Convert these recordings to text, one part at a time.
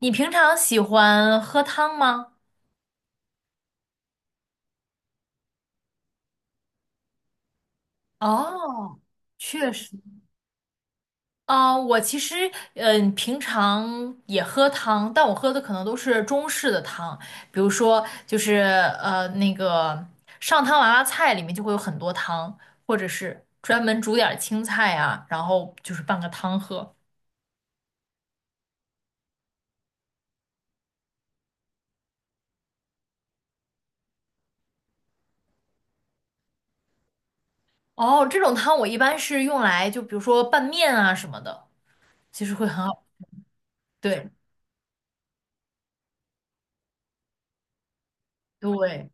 你平常喜欢喝汤吗？哦，确实。啊、我其实平常也喝汤，但我喝的可能都是中式的汤，比如说就是那个上汤娃娃菜里面就会有很多汤，或者是专门煮点儿青菜啊，然后就是拌个汤喝。哦，这种汤我一般是用来就比如说拌面啊什么的，其实会很好。对对。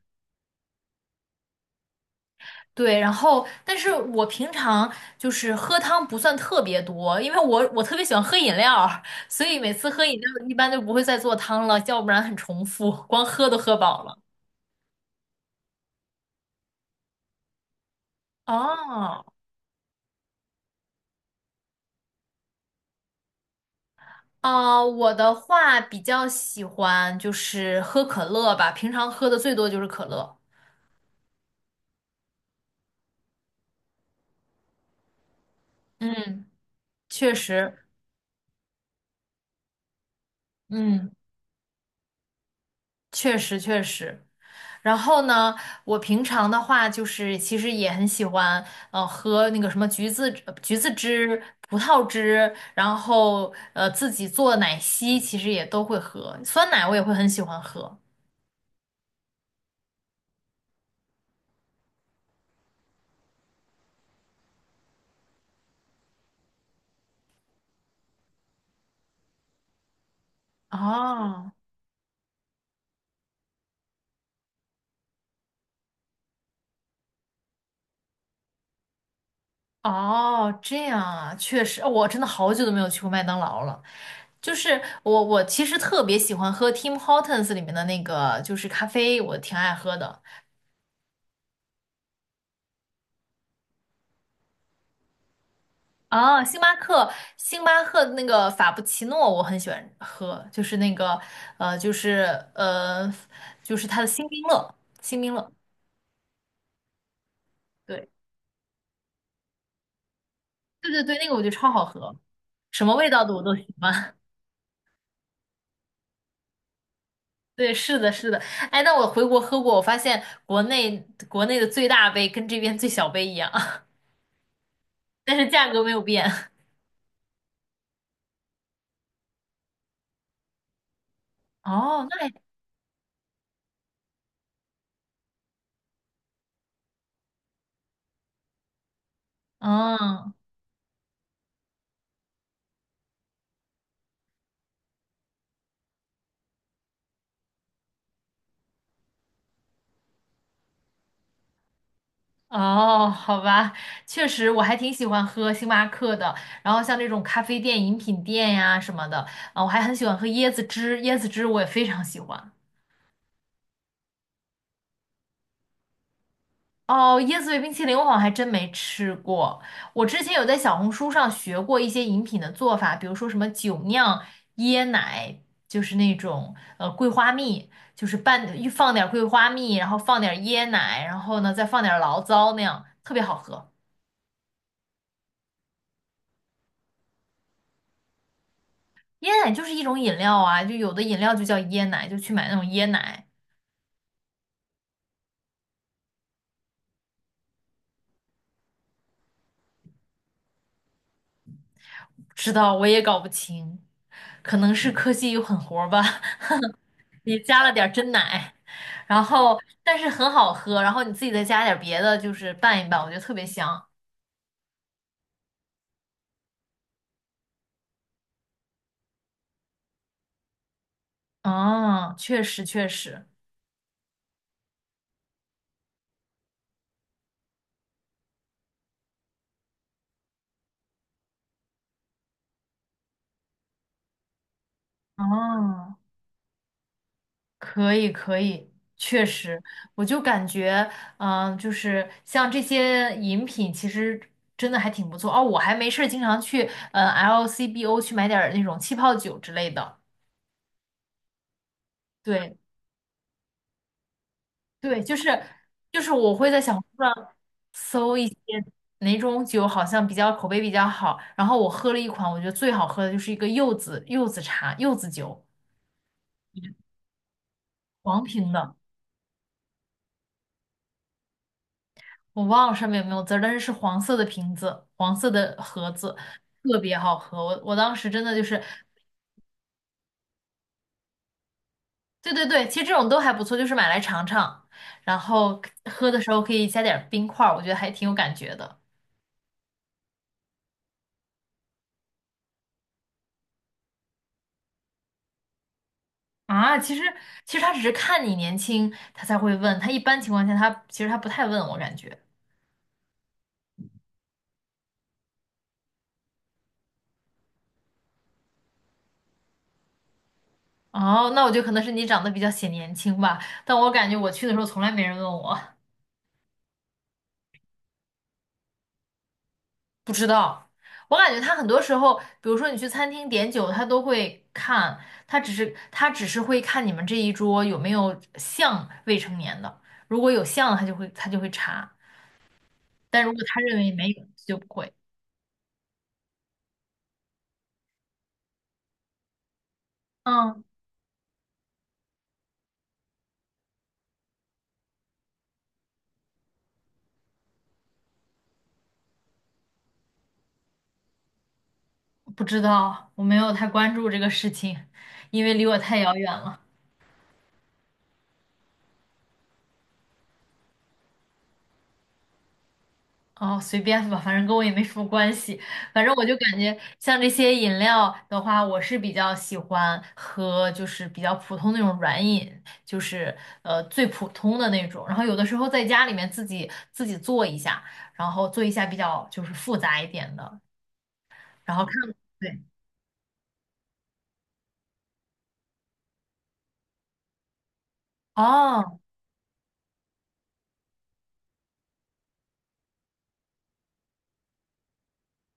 对，然后，但是我平常就是喝汤不算特别多，因为我特别喜欢喝饮料儿所以每次喝饮料一般就不会再做汤了，要不然很重复，光喝都喝饱了。哦，啊，我的话比较喜欢就是喝可乐吧，平常喝的最多就是可乐。嗯，确实，嗯，确实确实。然后呢，我平常的话就是其实也很喜欢，喝那个什么橘子汁、葡萄汁，然后自己做奶昔，其实也都会喝。酸奶我也会很喜欢喝。哦哦，这样啊，确实，哦我真的好久都没有去过麦当劳了。就是我其实特别喜欢喝 Tim Hortons 里面的那个就是咖啡，我挺爱喝的。哦，星巴克，星巴克的那个法布奇诺我很喜欢喝，就是那个就是呃，就是它的星冰乐，对对对对，那个我觉得超好喝，什么味道的我都喜欢。对，是的，是的，哎，那我回国喝过，我发现国内的最大杯跟这边最小杯一样，但是价格没有变。哦，嗯哦，好吧，确实我还挺喜欢喝星巴克的，然后像这种咖啡店、饮品店呀什么的，啊，我还很喜欢喝椰子汁，椰子汁我也非常喜欢。哦，椰子味冰淇淋我好像还真没吃过，我之前有在小红书上学过一些饮品的做法，比如说什么酒酿椰奶，就是那种桂花蜜，就是拌放点儿桂花蜜，然后放点儿椰奶，然后呢再放点儿醪糟那样，特别好喝。椰奶就是一种饮料啊，就有的饮料就叫椰奶，就去买那种椰奶。不知道，我也搞不清，可能是科技又狠活儿吧，你加了点儿真奶，然后但是很好喝，然后你自己再加点儿别的，就是拌一拌，我觉得特别香。哦，确实确实，哦。可以，可以，确实，我就感觉，就是像这些饮品，其实真的还挺不错哦。我还没事儿经常去，LCBO 去买点儿那种气泡酒之类的。对，对，就是我会在小红书上搜一些哪种酒好像比较口碑比较好，然后我喝了一款，我觉得最好喝的就是一个柚子柚子茶柚子酒，黄瓶的。我忘了上面有没有字儿，但是是黄色的瓶子，黄色的盒子，特别好喝。我当时真的就是，对对对，其实这种都还不错，就是买来尝尝，然后喝的时候可以加点儿冰块儿，我觉得还挺有感觉的。啊，其实他只是看你年轻，他才会问，他一般情况下他其实他不太问我感觉。哦，那我觉得可能是你长得比较显年轻吧，但我感觉我去的时候从来没人问我。不知道，我感觉他很多时候，比如说你去餐厅点酒，他都会看，他只是会看你们这一桌有没有像未成年的，如果有像的，他就会查，但如果他认为没有，就不会。嗯，不知道，我没有太关注这个事情，因为离我太遥远了。哦，随便吧，反正跟我也没什么关系。反正我就感觉像这些饮料的话，我是比较喜欢喝，就是比较普通那种软饮，就是最普通的那种。然后有的时候在家里面自己做一下，然后做一下比较就是复杂一点的，然后看，对，哦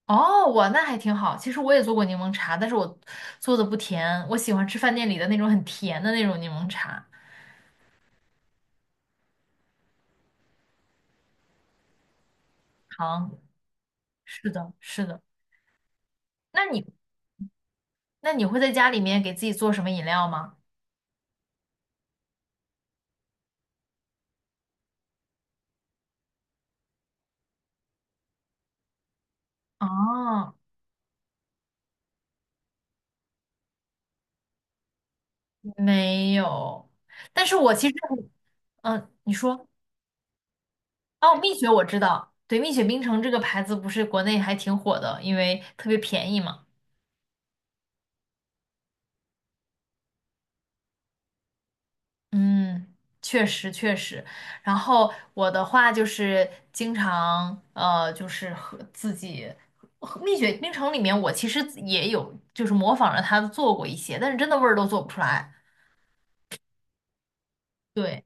哦，我那还挺好。其实我也做过柠檬茶，但是我做的不甜，我喜欢吃饭店里的那种很甜的那种柠檬茶，糖。是的，是的。那你？那你会在家里面给自己做什么饮料吗？啊，没有。但是我其实很，嗯，你说，哦，蜜雪我知道，对，蜜雪冰城这个牌子不是国内还挺火的，因为特别便宜嘛。嗯，确实确实。然后我的话就是经常就是和自己和蜜雪冰城里面，我其实也有就是模仿着它做过一些，但是真的味儿都做不出来。对，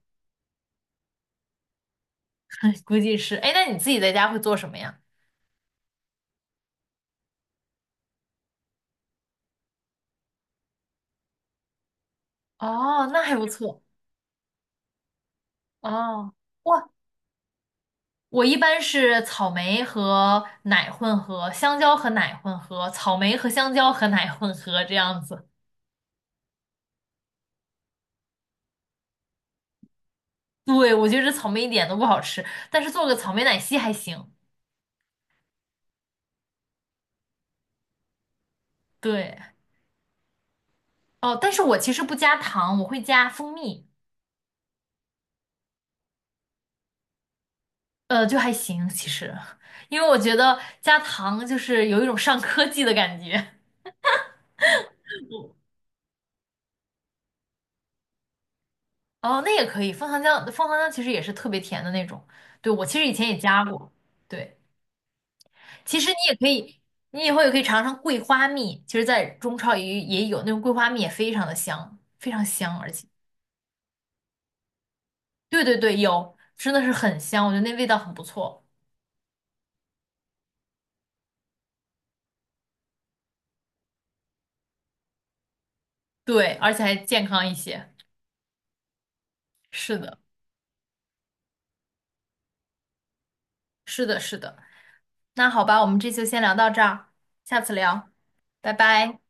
估计是。哎，那你自己在家会做什么呀？哦，那还不错。哦，哇，我一般是草莓和奶混合，香蕉和奶混合，草莓和香蕉和奶混合这样子。对，我觉得草莓一点都不好吃，但是做个草莓奶昔还行。对，哦，但是我其实不加糖，我会加蜂蜜，就还行其实，因为我觉得加糖就是有一种上科技的感觉。哦，那也可以，枫糖浆，枫糖浆其实也是特别甜的那种。对，我其实以前也加过。对。其实你也可以，你以后也可以尝尝桂花蜜。其实，在中超也有那种桂花蜜，也非常的香，非常香，而且，对对对，有，真的是很香，我觉得那味道很不错。对，而且还健康一些。是的，是的，是的。那好吧，我们这次就先聊到这儿，下次聊，拜拜。